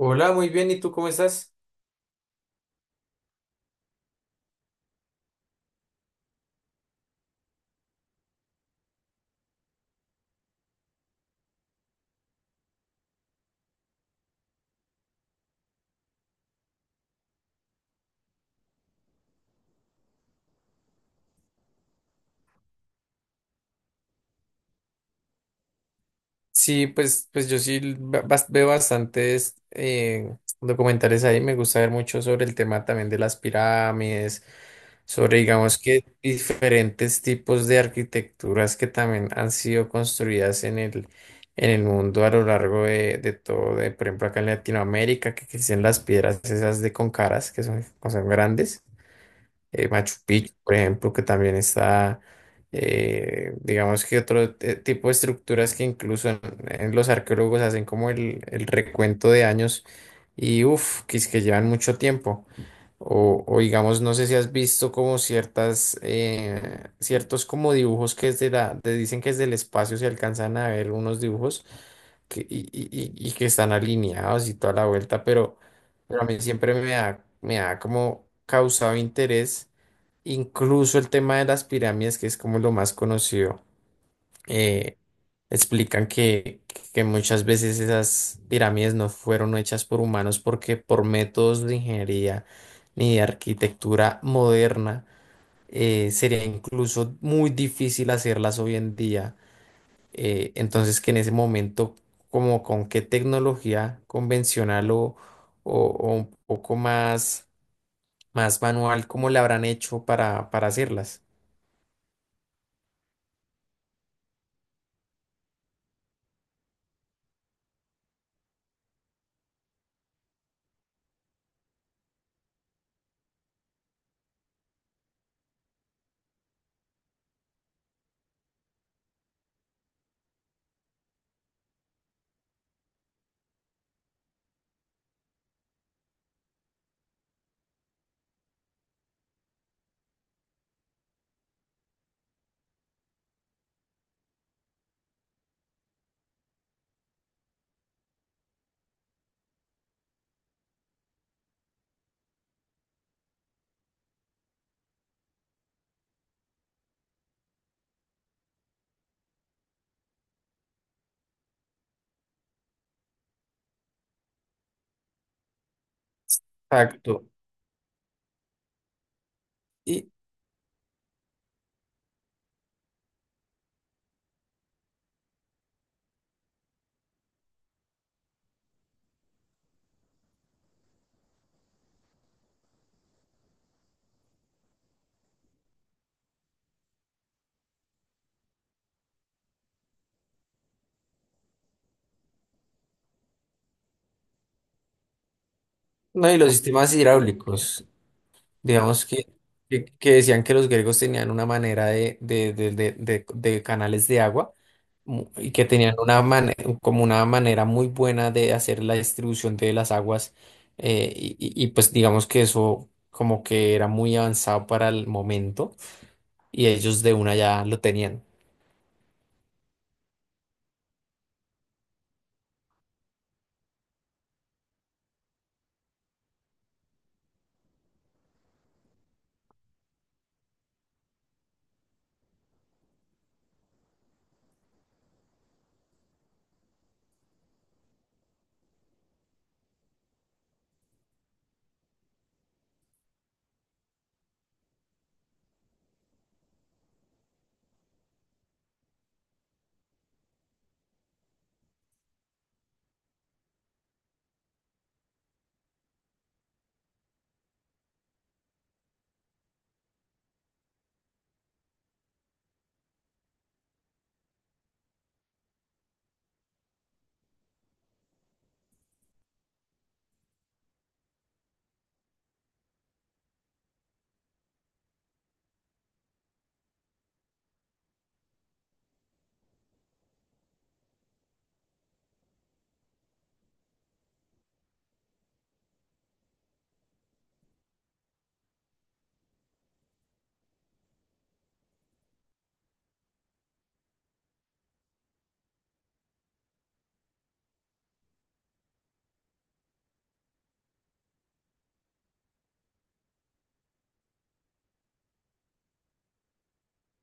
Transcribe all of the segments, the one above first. Hola, muy bien. ¿Y tú cómo estás? Sí, pues, pues yo sí veo bastantes documentales ahí. Me gusta ver mucho sobre el tema también de las pirámides, sobre, digamos que diferentes tipos de arquitecturas que también han sido construidas en el mundo a lo largo de todo, de, por ejemplo, acá en Latinoamérica, que existen las piedras esas de con caras, que son grandes. Machu Picchu, por ejemplo, que también está. Digamos que otro tipo de estructuras que incluso en los arqueólogos hacen como el recuento de años y uff, que es que llevan mucho tiempo. O digamos, no sé si has visto como ciertas, ciertos como dibujos que desde la, te dicen que desde el espacio se alcanzan a ver unos dibujos que, y que están alineados y toda la vuelta, pero a mí siempre me ha como causado interés. Incluso el tema de las pirámides, que es como lo más conocido. eh, Explican que muchas veces esas pirámides no fueron hechas por humanos porque por métodos de ingeniería ni de arquitectura moderna sería incluso muy difícil hacerlas hoy en día. Entonces que en ese momento, como con qué tecnología convencional o, o un poco más, más manual, cómo la habrán hecho para hacerlas. Exacto. Y, no, y los sistemas hidráulicos, digamos que decían que los griegos tenían una manera de canales de agua mu- y que tenían una mane- como una manera muy buena de hacer la distribución de las aguas. Y, pues digamos que eso como que era muy avanzado para el momento y ellos de una ya lo tenían.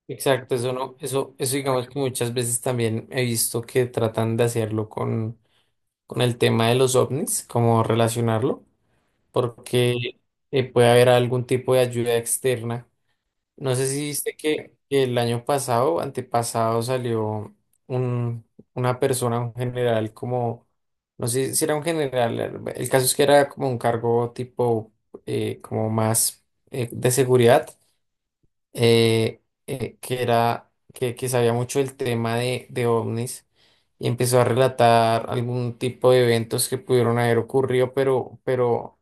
Exacto, eso no, eso digamos que muchas veces también he visto que tratan de hacerlo con el tema de los ovnis, cómo relacionarlo, porque puede haber algún tipo de ayuda externa. No sé si viste que el año pasado, antepasado, salió un, una persona, un general, como, no sé si era un general, el caso es que era como un cargo tipo, como más de seguridad, que era, que sabía mucho del tema de ovnis y empezó a relatar algún tipo de eventos que pudieron haber ocurrido,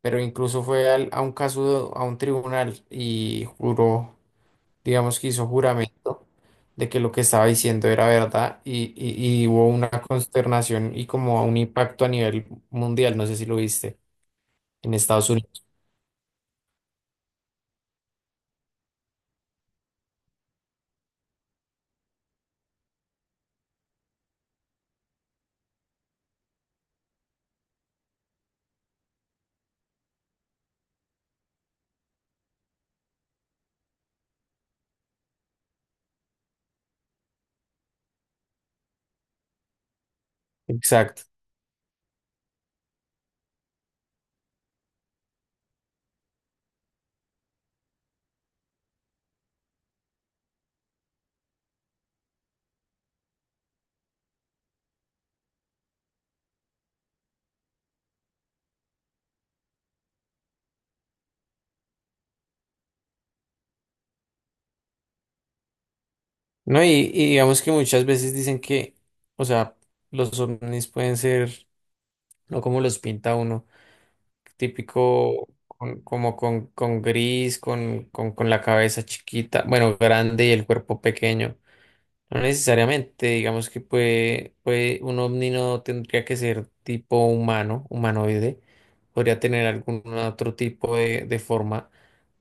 pero incluso fue a un caso, a un tribunal y juró, digamos que hizo juramento de que lo que estaba diciendo era verdad y hubo una consternación y como un impacto a nivel mundial, no sé si lo viste, en Estados Unidos. Exacto. No, y digamos que muchas veces dicen que, o sea, los ovnis pueden ser, no como los pinta uno, típico, como con gris, con la cabeza chiquita, bueno, grande y el cuerpo pequeño. No necesariamente, digamos puede, un ovni no tendría que ser tipo humano, humanoide, podría tener algún otro tipo de forma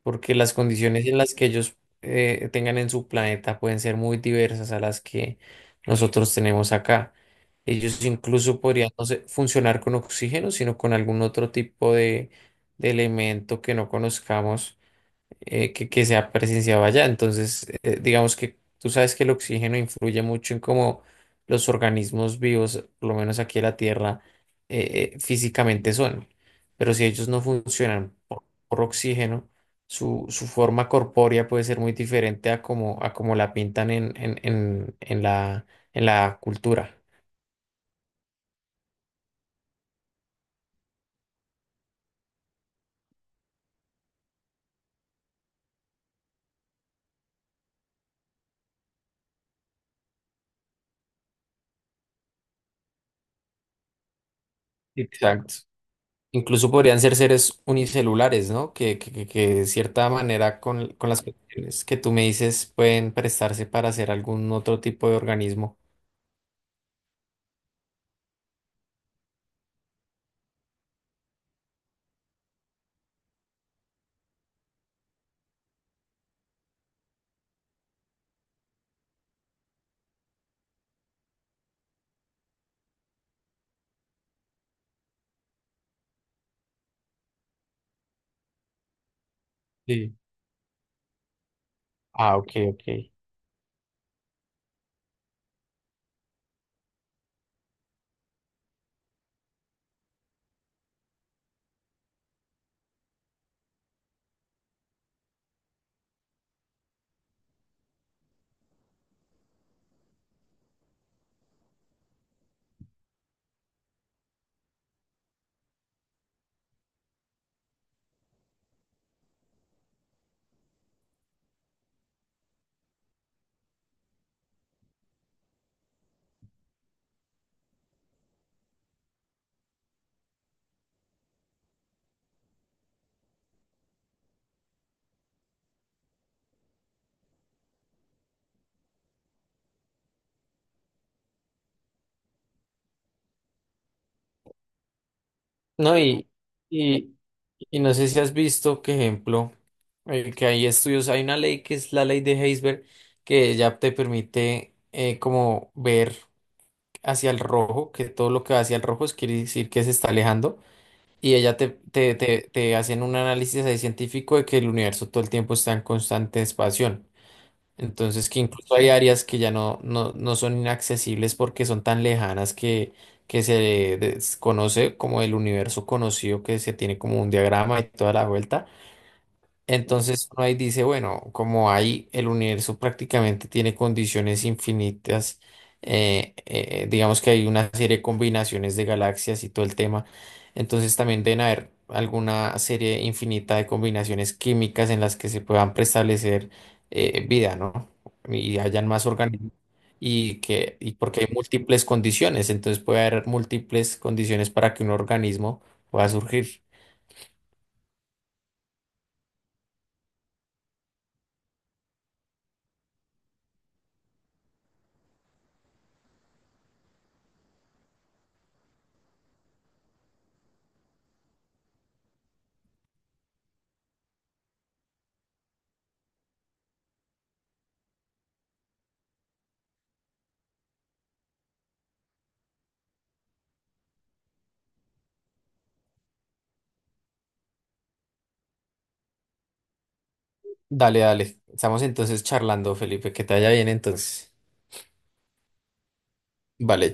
porque las condiciones en las que ellos tengan en su planeta pueden ser muy diversas a las que nosotros tenemos acá. Ellos incluso podrían no sé, funcionar con oxígeno, sino con algún otro tipo de elemento que no conozcamos, que se ha presenciado allá. Entonces, digamos que tú sabes que el oxígeno influye mucho en cómo los organismos vivos, por lo menos aquí en la Tierra, físicamente son. Pero si ellos no funcionan por oxígeno, su forma corpórea puede ser muy diferente a como la pintan en la cultura. Exacto. Incluso podrían ser seres unicelulares, ¿no? Que de cierta manera con las cuestiones que tú me dices pueden prestarse para hacer algún otro tipo de organismo. Sí. Ah, ok, ok. No, y, y no sé si has visto, que ejemplo, que hay estudios, hay una ley que es la ley de Heisberg, que ya te permite como ver hacia el rojo, que todo lo que va hacia el rojo es quiere decir que se está alejando. Y ella te hacían un análisis ahí científico de que el universo todo el tiempo está en constante expansión. Entonces, que incluso hay áreas que ya no son inaccesibles porque son tan lejanas que se desconoce como el universo conocido, que se tiene como un diagrama y toda la vuelta. Entonces uno ahí dice, bueno, como ahí el universo prácticamente tiene condiciones infinitas, digamos que hay una serie de combinaciones de galaxias y todo el tema, entonces también deben haber alguna serie infinita de combinaciones químicas en las que se puedan preestablecer vida, ¿no? Y hayan más organismos y porque hay múltiples condiciones, entonces puede haber múltiples condiciones para que un organismo pueda surgir. Dale, dale. Estamos entonces charlando, Felipe. Que te vaya bien entonces. Vale.